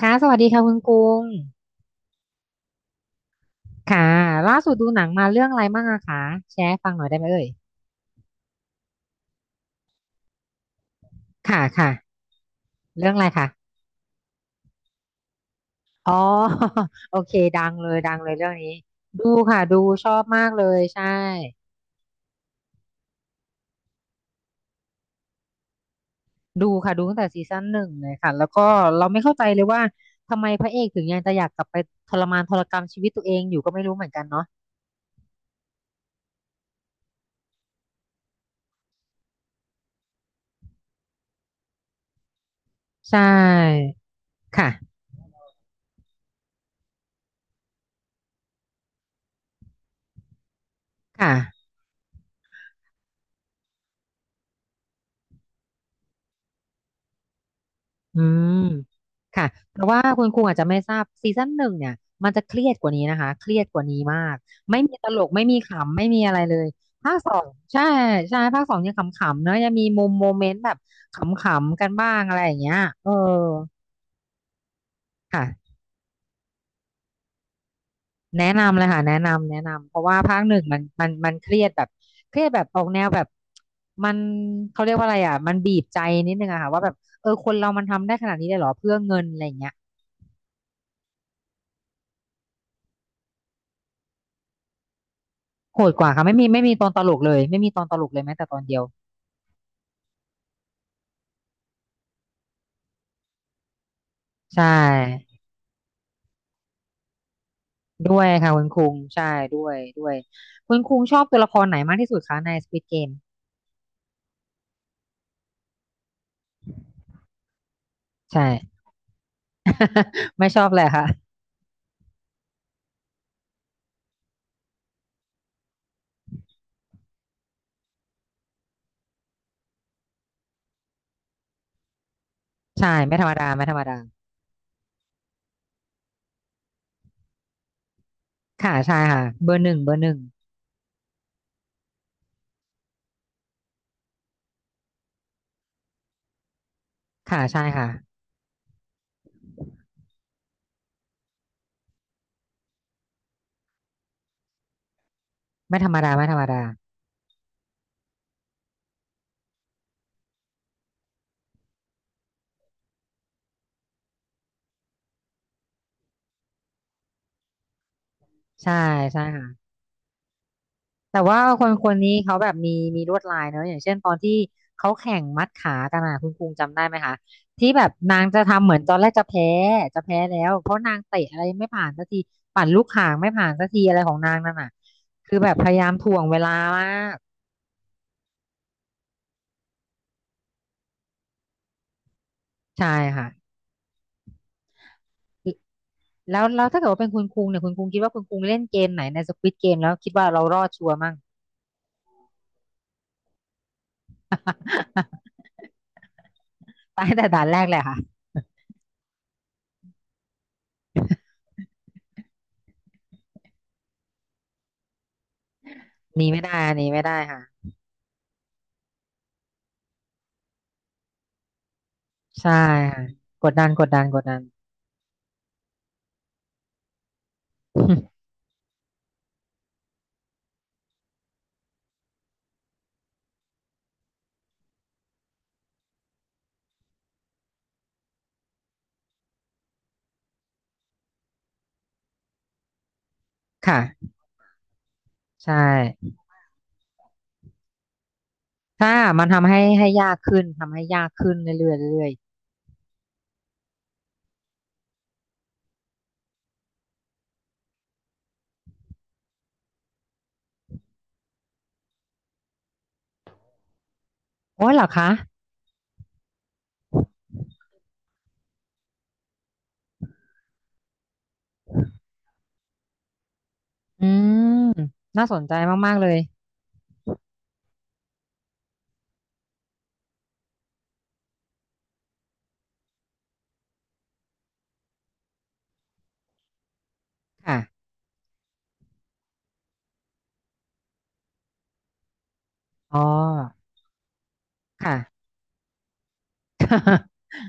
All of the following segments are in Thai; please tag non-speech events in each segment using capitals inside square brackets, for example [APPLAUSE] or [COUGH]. ค่ะสวัสดีค่ะคุณกรุงค่ะล่าสุดดูหนังมาเรื่องอะไรบ้างอะคะแชร์ให้ฟังหน่อยได้ไหมเอ่ยค่ะค่ะเรื่องอะไรคะอ๋อ [LAUGHS] โอเคดังเลยดังเลยเรื่องนี้ดูค่ะดูชอบมากเลยใช่ดูค่ะดูตั้งแต่ซีซั่นหนึ่งเลยค่ะแล้วก็เราไม่เข้าใจเลยว่าทำไมพระเอกถึงยังจะอยากกลับไปทรมานทรกรรมชีวิตตัวเองอยู่ก็ไม่รู้เหมือนกันเนาะใช่ค่ะค่ะ อืมค่ะเพราะว่าคุณครูอาจจะไม่ทราบซีซั่นหนึ่งเนี่ยมันจะเครียดกว่านี้นะคะเครียดกว่านี้มากไม่มีตลกไม่มีขำไม่มีอะไรเลยภาคสองใช่ใช่ภาคสองยังขำๆเนอะยังมีมุมโมเมนต์แบบขำๆกันบ้างอะไรอย่างเงี้ยเออค่ะแนะนำเลยค่ะแนะนำแนะนำเพราะว่าภาคหนึ่งมันมันมันเครียดแบบเครียดแบบออกแนวแบบมันเขาเรียกว่าอะไรอ่ะมันบีบใจนิดนึงอะค่ะว่าแบบเออคนเรามันทำได้ขนาดนี้เลยเหรอเพื่อเงินอะไรอย่างเงี้ย โหดกว่าค่ะไม่มีไม่มีตอนตลกเลยไม่มีตอนตลกเลยแม้แต่ตอนเดียวใช่ด้วยค่ะคุณคุงใช่ด้วยด้วยคุณคุงชอบตัวละครไหนมากที่สุดคะใน Squid Game ใช่ [LAUGHS] ไม่ชอบเลยค่ะใช่ไม่ธรรมดาไม่ธรรมดาค่ะใช่ค่ะเบอร์หนึ่งเบอร์หนึ่งค่ะใช่ค่ะไม่ธรรมดาไม่ธรรมดาใช่ใช่ค่ะ แต่ว่าคนคนนี้เขาแบบมีมีลวดลายเนอะอย่างเช่นตอนที่เขาแข่งมัดขากันอ่ะคุณคุงจำได้ไหมคะที่แบบนางจะทำเหมือนตอนแรกจะแพ้จะแพ้แล้วเพราะนางเตะอะไรไม่ผ่านสักทีปั่นลูกข่างไม่ผ่านสักทีอะไรของนางนั่นอ่ะคือแบบพยายามถ่วงเวลามากใช่ค่ะแล้วแล้วถ้าเกิดว่าเป็นคุณคุงเนี่ยคุณคุงคิดว่าคุณคุงเล่นเกมไหนในสควิดเกมแล้วคิดว่าเรารอดชัวร์มั่ง [LAUGHS] ตายแต่ด่านแรกเลยค่ะหนีไม่ได้หนีไม่ได้ค่ะใช่ค่ะกดดันกดดันกดดัน [LAUGHS] ค่ะ ใช่ถ้ามันทำให้ให้ยากขึ้นทำให้ยากขึ้นเรื่อยๆเรื่อยๆโอ้ยเหรอคะ อืมน่าสนใจมากๆเลยค่ะอ๋อค่ะ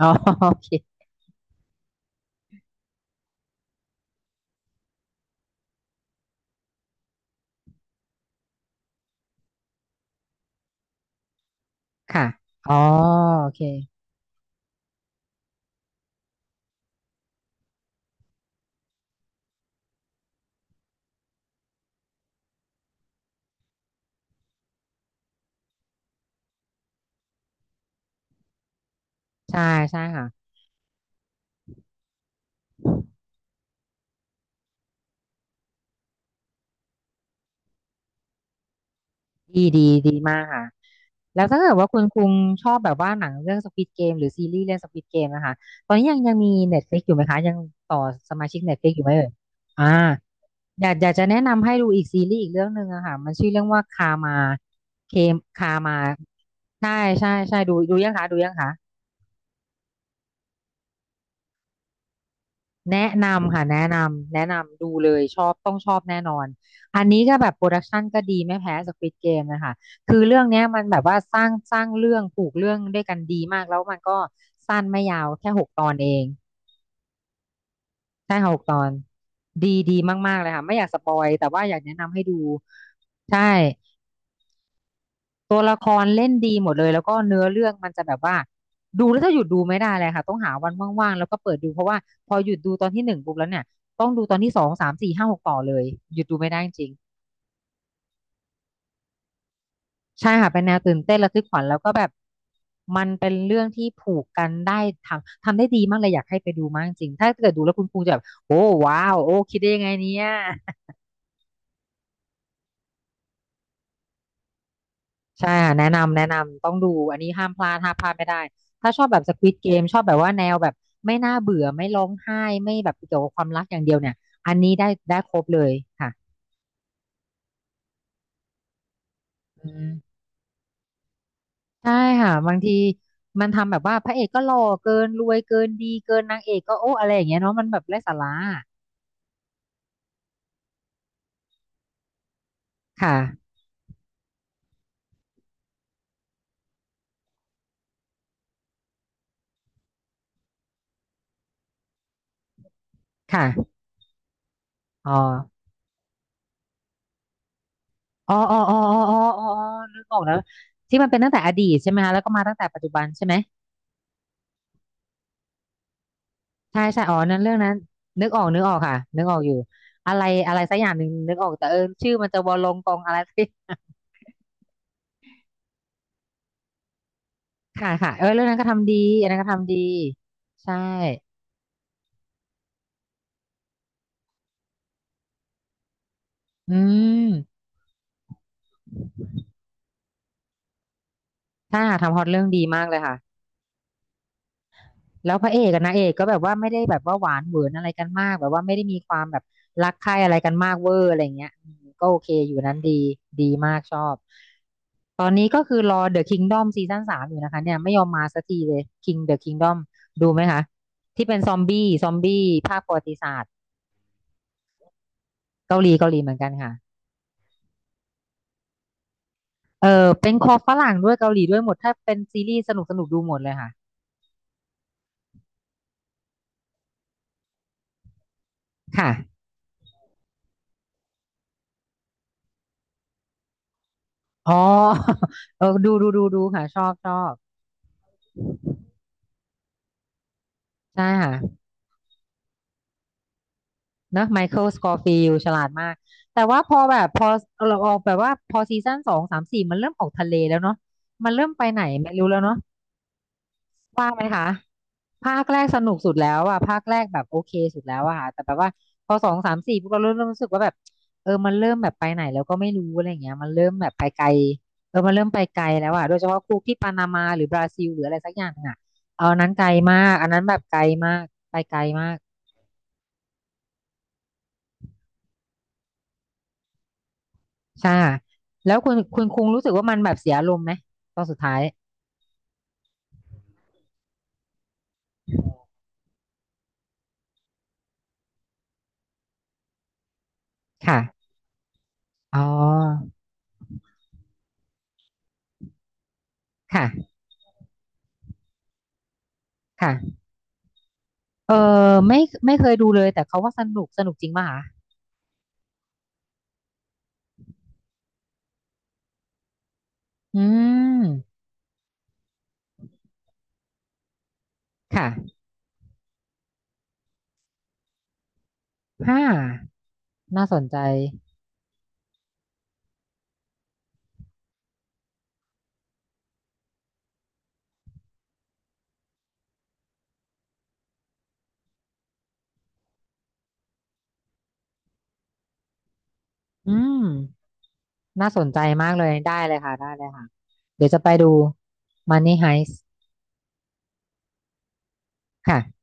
อ๋อ [LAUGHS] โอเคค่ะอ๋อโอเคใช่ใช่ค่ะดีดีดีมากค่ะแล้วถ้าเกิดว่าคุณคุงชอบแบบว่าหนังเรื่อง Squid Game หรือซีรีส์เรื่อง Squid Game นะคะตอนนี้ยังยังมี Netflix อยู่ไหมคะยังต่อสมาชิก Netflix อยู่ไหมเอ่ยอ่า อยากอยากจะแนะนำให้ดูอีกซีรีส์อีกเรื่องหนึ่งอะค่ะมันชื่อเรื่องว่าคามาเคมคามาใช่ใช่ใช่ดูดูยังคะดูยังคะแนะนำค่ะแนะนำแนะนำดูเลยชอบต้องชอบแน่นอนอันนี้ก็แบบโปรดักชันก็ดีไม่แพ้ Squid Game นะคะคือเรื่องเนี้ยมันแบบว่าสร้างสร้างเรื่องผูกเรื่องด้วยกันดีมากแล้วมันก็สั้นไม่ยาวแค่หกตอนเองใช่ค่ะหกตอนดีดีมากๆเลยค่ะไม่อยากสปอยแต่ว่าอยากแนะนำให้ดูใช่ ตัวละครเล่นดีหมดเลยแล้วก็เนื้อเรื่องมันจะแบบว่าดูแล้วจะหยุดดูไม่ได้เลยค่ะต้องหาวันว่างๆแล้วก็เปิดดูเพราะว่าพอหยุดดูตอนที่หนึ่งปุ๊บแล้วเนี่ยต้องดูตอนที่สองสามสี่ห้าหกต่อเลยหยุดดูไม่ได้จริงๆใช่ค่ะเป็นแนวตื่นเต้นระทึกขวัญแล้วก็แบบมันเป็นเรื่องที่ผูกกันได้ทำทำได้ดีมากเลยอยากให้ไปดูมากจริงๆถ้าเกิดดูแล้วคุณครูจะแบบโอ้ว้าวโอ้คิดได้ยังไงเนี่ย ใช่ค่ะแนะนำแนะนำต้องดูอันนี้ห้ามพลาดห้ามพลาดไม่ได้ถ้าชอบแบบ Squid Game ชอบแบบว่าแนวแบบไม่น่าเบื่อไม่ร้องไห้ไม่แบบเกี่ยวกับความรักอย่างเดียวเนี่ยอันนี้ได้ได้ครบเลยค่ะอืมใช่ค่ะบางทีมันทำแบบว่าพระเอกก็หล่อเกินรวยเกินดีเกินนางเอกก็โอ้อะไรอย่างเงี้ยเนาะมันแบบไร้สาระค่ะค่ะอ๋ออ๋ออ๋ออ๋ออ๋ออ๋ออ๋อนึกออกแล้วที่มันเป็นตั้งแต่อดีตใช่ไหมคะแล้วก็มาตั้งแต่ปัจจุบันใช่ไหม ใช่ใช่อ๋อนั้นเรื่องนั้นนึกออกนึกออกค่ะนึกออกอยู่อะไรอะไรสักอย่างหนึ่งนึกออกแต่เออชื่อมันจะวอลงกองอะไร [LAUGHS] สักอย่างค่ะค่ะเออเรื่องนั้นก็ทำดีอันนั้นก็ทำดีใช่อืมใช่ค่ะทำฮอตเรื่องดีมากเลยค่ะ แล้วพระเอกกับนางเอกก็แบบว่าไม่ได้แบบว่าหวานเหวือนอะไรกันมากแบบว่าไม่ได้มีความแบบรักใคร่อะไรกันมากเวอร์อะไรเงี้ยอืมก็โอเคอยู่นั้นดีดีมากชอบตอนนี้ก็คือรอ The Kingdom ซีซั่น 3อยู่นะคะเนี่ยไม่ยอมมาสักทีเลย King The Kingdom ดูไหมคะที่เป็นซอมบี้ซอมบี้ภาคประวัติศาสตร์เกาหลีเกาหลีเหมือนกันค่ะเออเป็นคอฝรั่งด้วยเกาหลีด้วยหมดถ้าเป็นซีรีส์สนุกสนุกดูหมดเลยค่ะค่ะอ๋อ [LAUGHS] ดูดูดูดูค่ะชอบชอบใช่ค่ะ นะไมเคิลสกอฟิลฉลาดมากแต่ว่าพอแบบพอเราออกแบบว่าพอซีซั่น 2 3 4มันเริ่มออกทะเลแล้วเนาะมันเริ่มไปไหนไม่รู้แล้วเนาะว่าไหมคะภาคแรกสนุกสุดแล้วอะภาคแรกแบบโอเคสุดแล้วอะค่ะแต่แบบว่าพอสองสามสี่พวกเราเริ่มรู้สึกว่าแบบเออมันเริ่มแบบไปไหนแล้วก็ไม่รู้อะไรอย่างเงี้ยมันเริ่มแบบไปไกลเออมันเริ่มไปไกลแล้วอะโดยเฉพาะคู่ที่ปานามาหรือบราซิลหรืออะไรสักอย่างอะเอาอันนั้นไกลมากอันนั้นแบบไกลมากไปไกลมาก ใช่แล้วคุณคุณคุงรู้สึกว่ามันแบบเสียอารมณ์ไหมตอนสุดท้าย ค่ะ อ๋อ ค่ะ ค่ะ เออไม่ไม่เคยดูเลยแต่เขาว่าสนุกสนุกจริงป่ะคะอืม ค่ะห้าน่าสนใจ อืม น่าสนใจมากเลยได้เลยค่ะได้เลยค่ะ เดี๋ยวจะไปดู Money Heist ค่ะ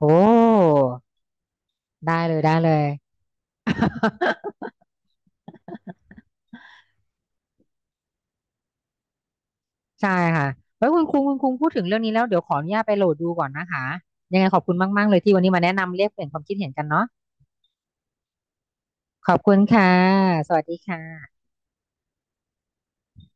โอ้ ได้เลยได้เลย [LAUGHS] ใช่ค่ะไว้คุณคุงคุณคุงพูดถึงเรื่องนี้แล้วเดี๋ยวขออนุญาตไปโหลดดูก่อนนะคะ ยังไงขอบคุณมากๆเลยที่วันนี้มาแนะนำเรียกเปลี่ยนความคิดเห็นกันเนาะขอบคุณค่ะ สวัสดีค่ะ